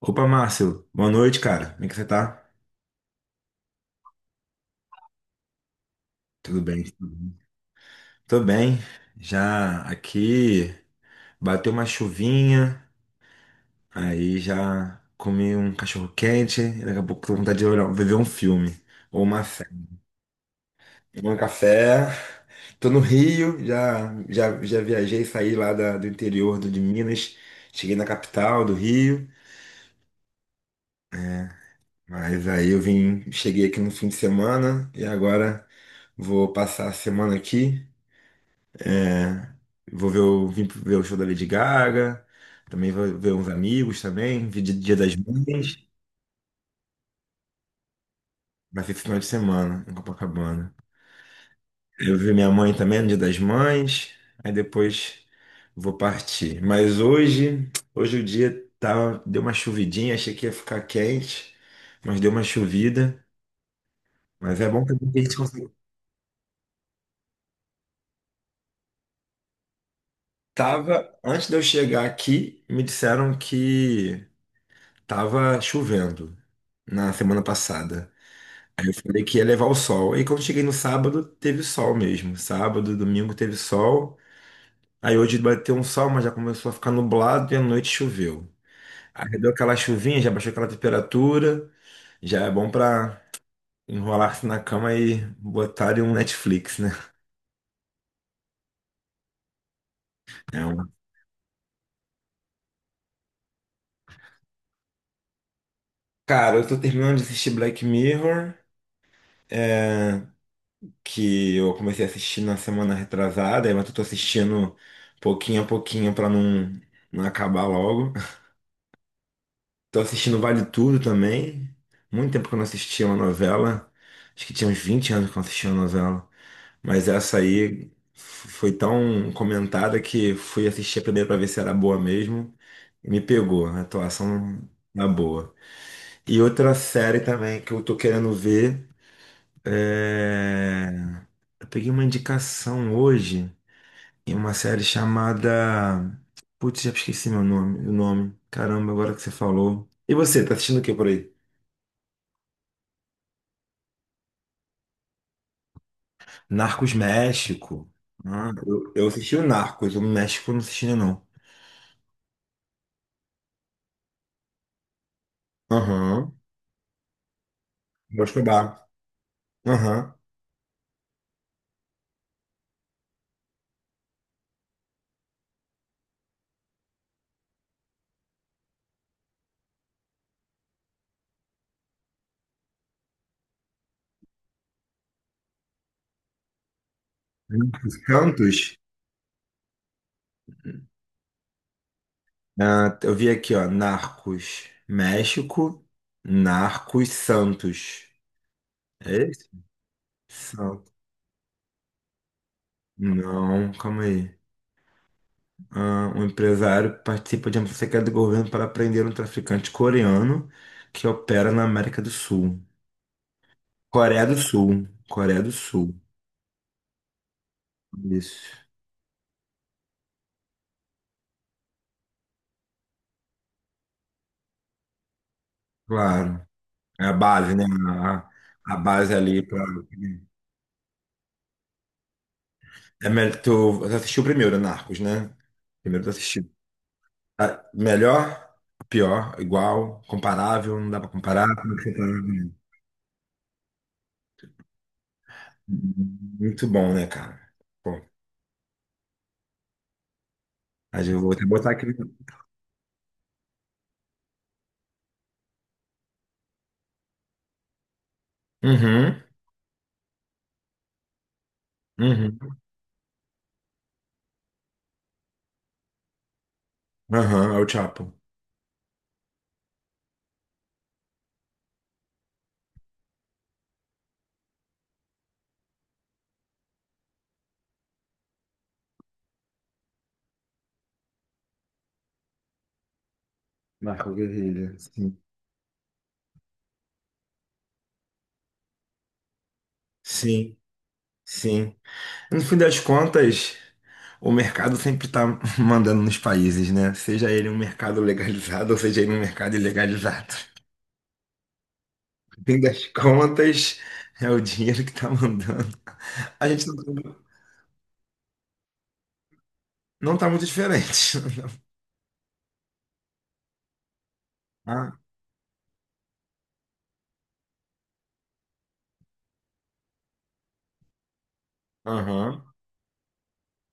Opa, Márcio. Boa noite, cara. Como é que você tá? Tudo bem? Tô bem. Já aqui bateu uma chuvinha, aí já comi um cachorro quente, e daqui a pouco tô com vontade de olhar, ver um filme ou uma série. Tomei um café. Tô no Rio, já viajei, do interior de Minas, cheguei na capital do Rio, mas aí eu vim, cheguei aqui no fim de semana e agora vou passar a semana aqui. Vim ver o show da Lady Gaga. Também vou ver uns amigos também. Dia das Mães. Vai ser esse final de semana em Copacabana. Eu vi minha mãe também no Dia das Mães. Aí depois vou partir. Mas hoje o dia tá, deu uma chuvidinha. Achei que ia ficar quente, mas deu uma chuvida. Mas é bom também que a gente consegue. Tava, antes de eu chegar aqui, me disseram que tava chovendo na semana passada. Aí eu falei que ia levar o sol. Aí quando cheguei no sábado, teve sol mesmo. Sábado, e domingo teve sol. Aí hoje bateu um sol, mas já começou a ficar nublado e à noite choveu. Aí deu aquela chuvinha, já baixou aquela temperatura. Já é bom pra enrolar-se na cama e botar em um Netflix, né? É um- Cara, eu tô terminando de assistir Black Mirror, que eu comecei a assistir na semana retrasada, mas eu tô assistindo pouquinho a pouquinho pra não acabar logo. Tô assistindo Vale Tudo também. Muito tempo que eu não assistia uma novela. Acho que tinha uns 20 anos que eu não assistia uma novela. Mas essa aí foi tão comentada que fui assistir a primeira pra ver se era boa mesmo. E me pegou. A atuação na boa. E outra série também que eu tô querendo ver é... Eu peguei uma indicação hoje em uma série chamada... Putz, já esqueci meu nome, o nome. Caramba, agora que você falou. E você, tá assistindo o que por aí? Narcos México. Ah, eu assisti o Narcos, o México eu não assisti ainda não. Aham. Vou Escobar. Aham. Narcos Santos? Ah, eu vi aqui, ó. Narcos México, Narcos Santos. É esse? Santos. Não, calma aí. Ah, um empresário participa de uma secreta do governo para prender um traficante coreano que opera na América do Sul. Coreia do Sul. Coreia do Sul. Isso. Claro. É a base, né? A, a base ali pra. É melhor, tu assistiu primeiro, Narcos, né? Primeiro tu assistiu. Ah, melhor, pior, igual, comparável, não dá pra comparar. Como é que você tá? Muito bom, né, cara? Bom, mas eu vou até botar aqui. Uhum, uhum, aham, é o Chapo. Marco Guerrilha. Sim, sim, sim. No fim das contas. O mercado sempre está mandando nos países, né? Seja ele um mercado legalizado ou seja ele um mercado ilegalizado. No fim das contas, é o dinheiro que está mandando. A gente não está muito diferente. Ah, aham.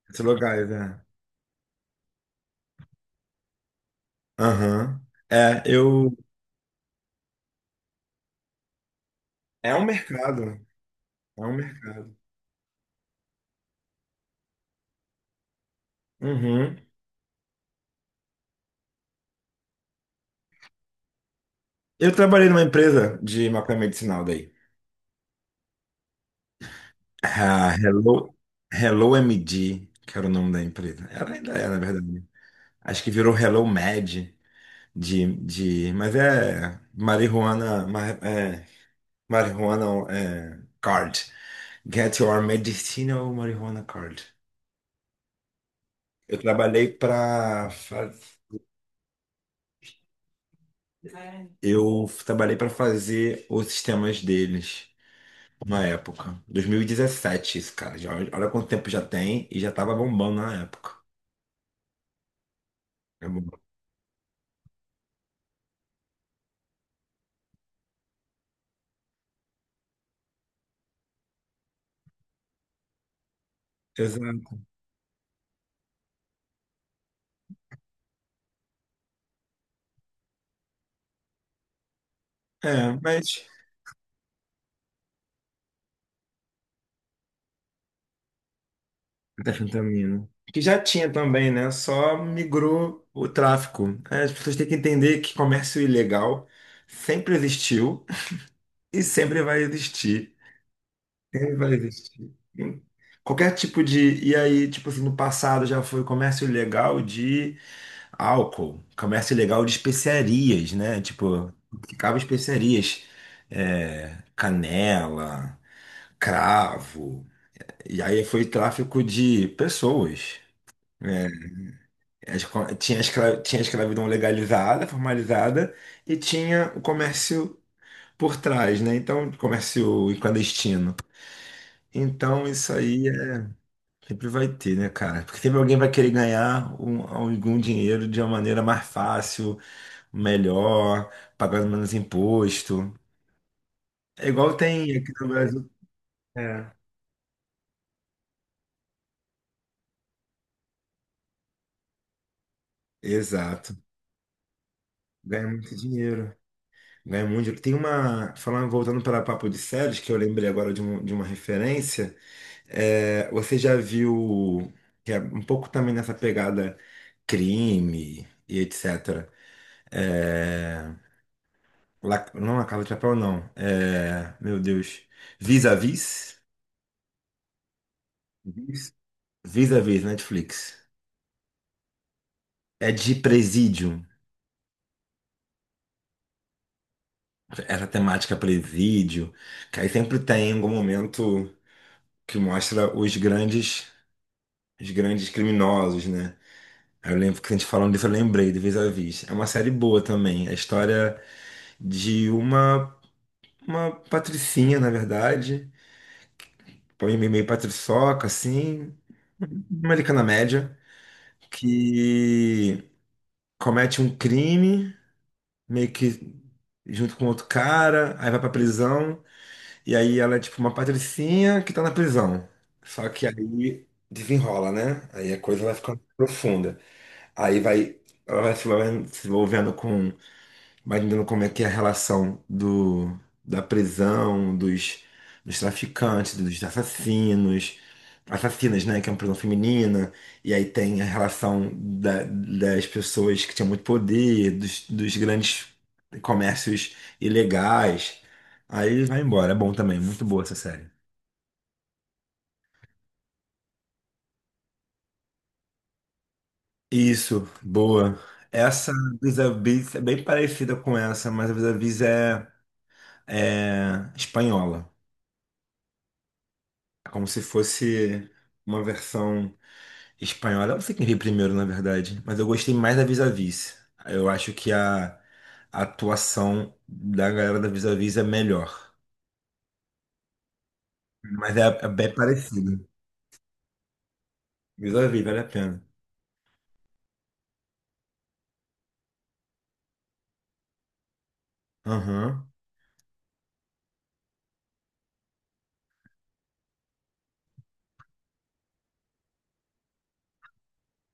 Esses lugares, é. Aham. É, eu. É um mercado. É um mercado. Uhum. Eu trabalhei numa empresa de maconha medicinal daí. Ah, Hello MD, que era o nome da empresa. Ela ainda é, na verdade. Acho que virou Hello Med. Mas é marihuana, é, marihuana é, card. Get your medicinal marijuana card. Eu trabalhei para fazer os sistemas deles na época, 2017, isso, cara. Já, olha quanto tempo já tem e já tava bombando na época. É bom. Exato. É, mas da fentanilo. Que já tinha também, né? Só migrou o tráfico. É, as pessoas têm que entender que comércio ilegal sempre existiu e sempre vai existir. Sempre vai existir. Qualquer tipo de. E aí, tipo assim, no passado já foi comércio ilegal de álcool, comércio ilegal de especiarias, né? Tipo, ficava especiarias, é, canela, cravo. E aí foi tráfico de pessoas. Tinha a escravidão legalizada, formalizada, e tinha o comércio por trás, né? Então, comércio clandestino. Então, isso aí sempre vai ter, né, cara? Porque sempre alguém vai querer ganhar algum dinheiro de uma maneira mais fácil, melhor, pagando menos imposto. É igual tem aqui no Brasil. É. Exato. Ganha muito dinheiro. Ganha muito dinheiro. Tem uma. Falando, voltando para Papo de Séries, que eu lembrei agora de, de uma referência. É, você já viu, que é um pouco também nessa pegada crime e etc. É, não, La Casa de Papel, não. É, meu Deus. Vis-a-vis? Vis- Vis-a-vis, Netflix. É de presídio. Essa temática é presídio. Que aí sempre tem algum momento que mostra os grandes criminosos, né? Aí eu lembro que a gente falando disso, eu lembrei do Vis-a-Vis. É uma série boa também. É a história de uma patricinha, na verdade. Põe meio patriçoca, assim. Uma americana média. Que comete um crime, meio que junto com outro cara. Aí vai pra prisão. E aí ela é tipo uma patricinha que tá na prisão. Só que aí desenrola, né? Aí a coisa vai ficando profunda. Aí vai, ela vai se envolvendo com imaginando como é que é a relação da prisão, dos traficantes, dos assassinos, assassinas, né, que é uma prisão feminina, e aí tem a relação das pessoas que tinham muito poder, dos grandes comércios ilegais. Aí vai embora, é bom também, muito boa essa série. Isso, boa. Essa Vis-a-Vis é bem parecida com essa, mas a Vis-a-Vis é espanhola. É como se fosse uma versão espanhola. Eu não sei quem veio primeiro, na verdade, mas eu gostei mais da Vis a Vis. Eu acho que a atuação da galera da Vis a Vis é melhor. Mas é bem parecido. Vis a Vis, vale a pena. Aham.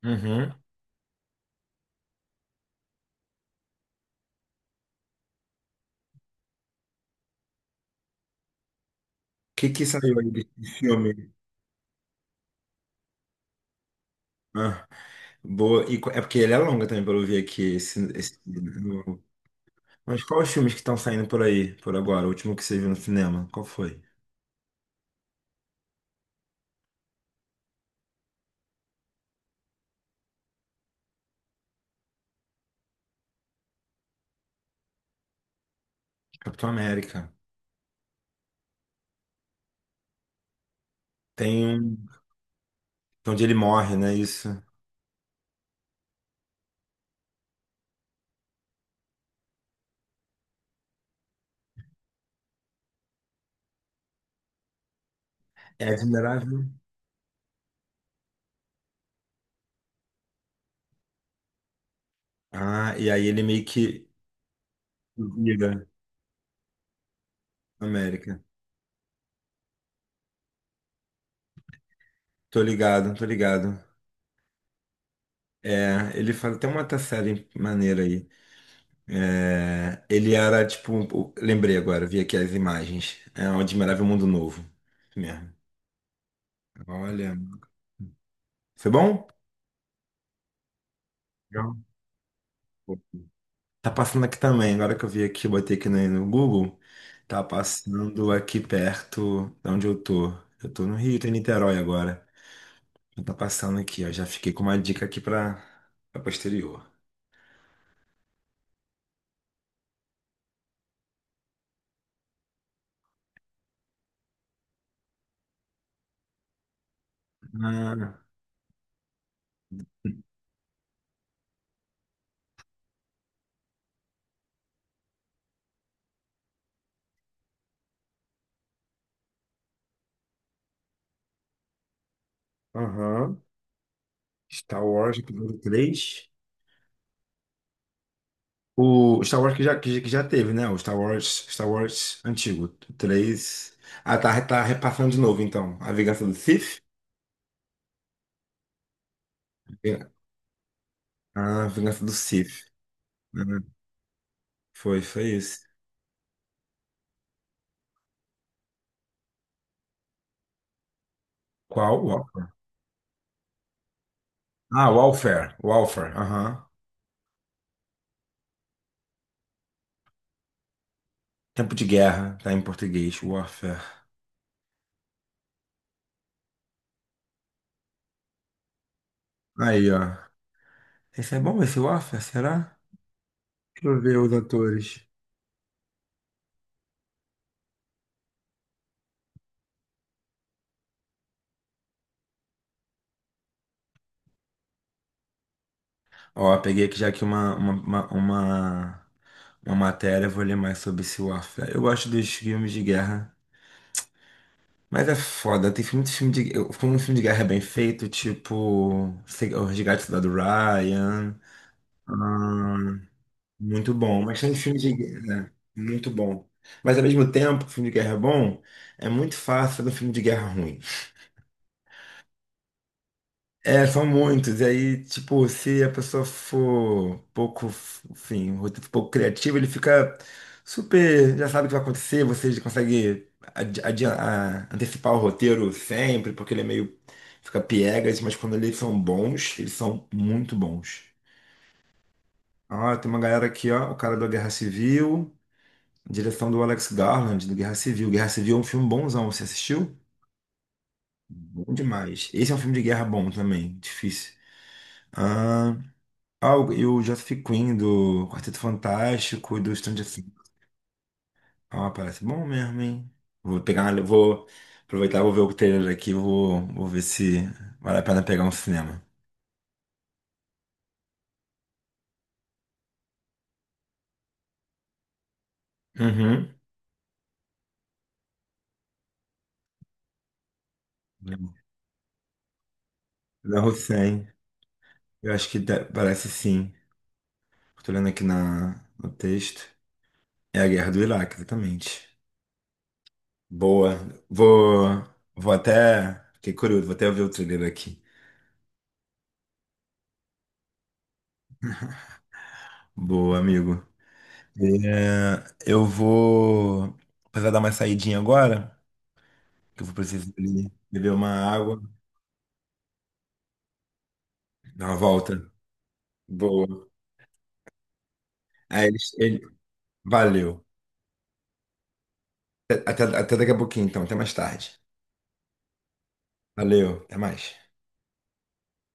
Uhum. O que que saiu aí desse filme? Ah, boa. E é porque ele é longa também, pelo ver aqui. Esse... no- Mas quais os filmes que estão saindo por aí, por agora? O último que você viu no cinema? Qual foi? Capitão América. Tem um, onde ele morre, né? Isso. É admirável. Ah, e aí ele meio que vira América. Tô ligado, tô ligado. É, ele fala, tem uma outra série maneira aí. É, ele era tipo, lembrei agora, vi aqui as imagens. É um Admirável Mundo Novo. Isso mesmo. Olha, foi bom? Legal. Tá passando aqui também, agora que eu vi aqui, botei aqui no Google, tá passando aqui perto de onde eu tô. Eu tô no Rio, tô em Niterói agora. Já tá passando aqui, ó. Já fiquei com uma dica aqui pra posterior. Ah, aham. Star Wars, episódio três. O Star Wars que já, que já teve, né? O Star Wars, Star Wars antigo. Três. Ah, tá, repassando de novo, então. A Vingança do Sith? Ving- Ah, Vingança do Sith. Uhum. Foi isso. Qual? Warfare. Ah, Warfare. Warfare, aham. Tempo de Guerra, tá em português. Warfare. Aí, ó. Esse é bom, esse Warfare, será? Deixa eu ver os atores. Ó, peguei aqui já aqui uma matéria, vou ler mais sobre esse Warfare. Eu gosto dos filmes de guerra, mas é foda, tem filme, muito filme de... Como um filme de guerra é bem feito, tipo... O Resgate do Soldado Ryan... ah, muito bom, mas tem filme de guerra... é, muito bom. Mas ao mesmo tempo, que o filme de guerra é bom, é muito fácil fazer um filme de guerra ruim. É, são muitos. E aí, tipo, se a pessoa for pouco, enfim, um roteiro pouco criativo, ele fica super, já sabe o que vai acontecer, você já consegue antecipar o roteiro sempre, porque ele é meio, fica piegas, mas quando eles são bons, eles são muito bons. Ah, tem uma galera aqui, ó, o cara da Guerra Civil, direção do Alex Garland, do Guerra Civil. Guerra Civil é um filme bonzão, você assistiu? Bom demais. Esse é um filme de guerra bom também, difícil. Ah, e o Joseph Quinn do Quarteto Fantástico e do Stranger Things. Ah, parece bom mesmo, hein? Vou pegar, vou aproveitar, vou ver o trailer aqui, vou ver se vale a pena pegar um cinema. Uhum. Da Hussein. Eu acho que parece sim. Tô lendo aqui no texto. É a guerra do Iraque, exatamente. Boa. Vou, vou até. Fiquei curioso, vou até ver o trailer aqui. Boa, amigo. É, eu vou precisar dar uma saidinha agora, que eu vou precisar ali beber uma água, dar uma volta. Boa. Aí, valeu. Até daqui a pouquinho, então. Até mais tarde. Valeu. Até mais.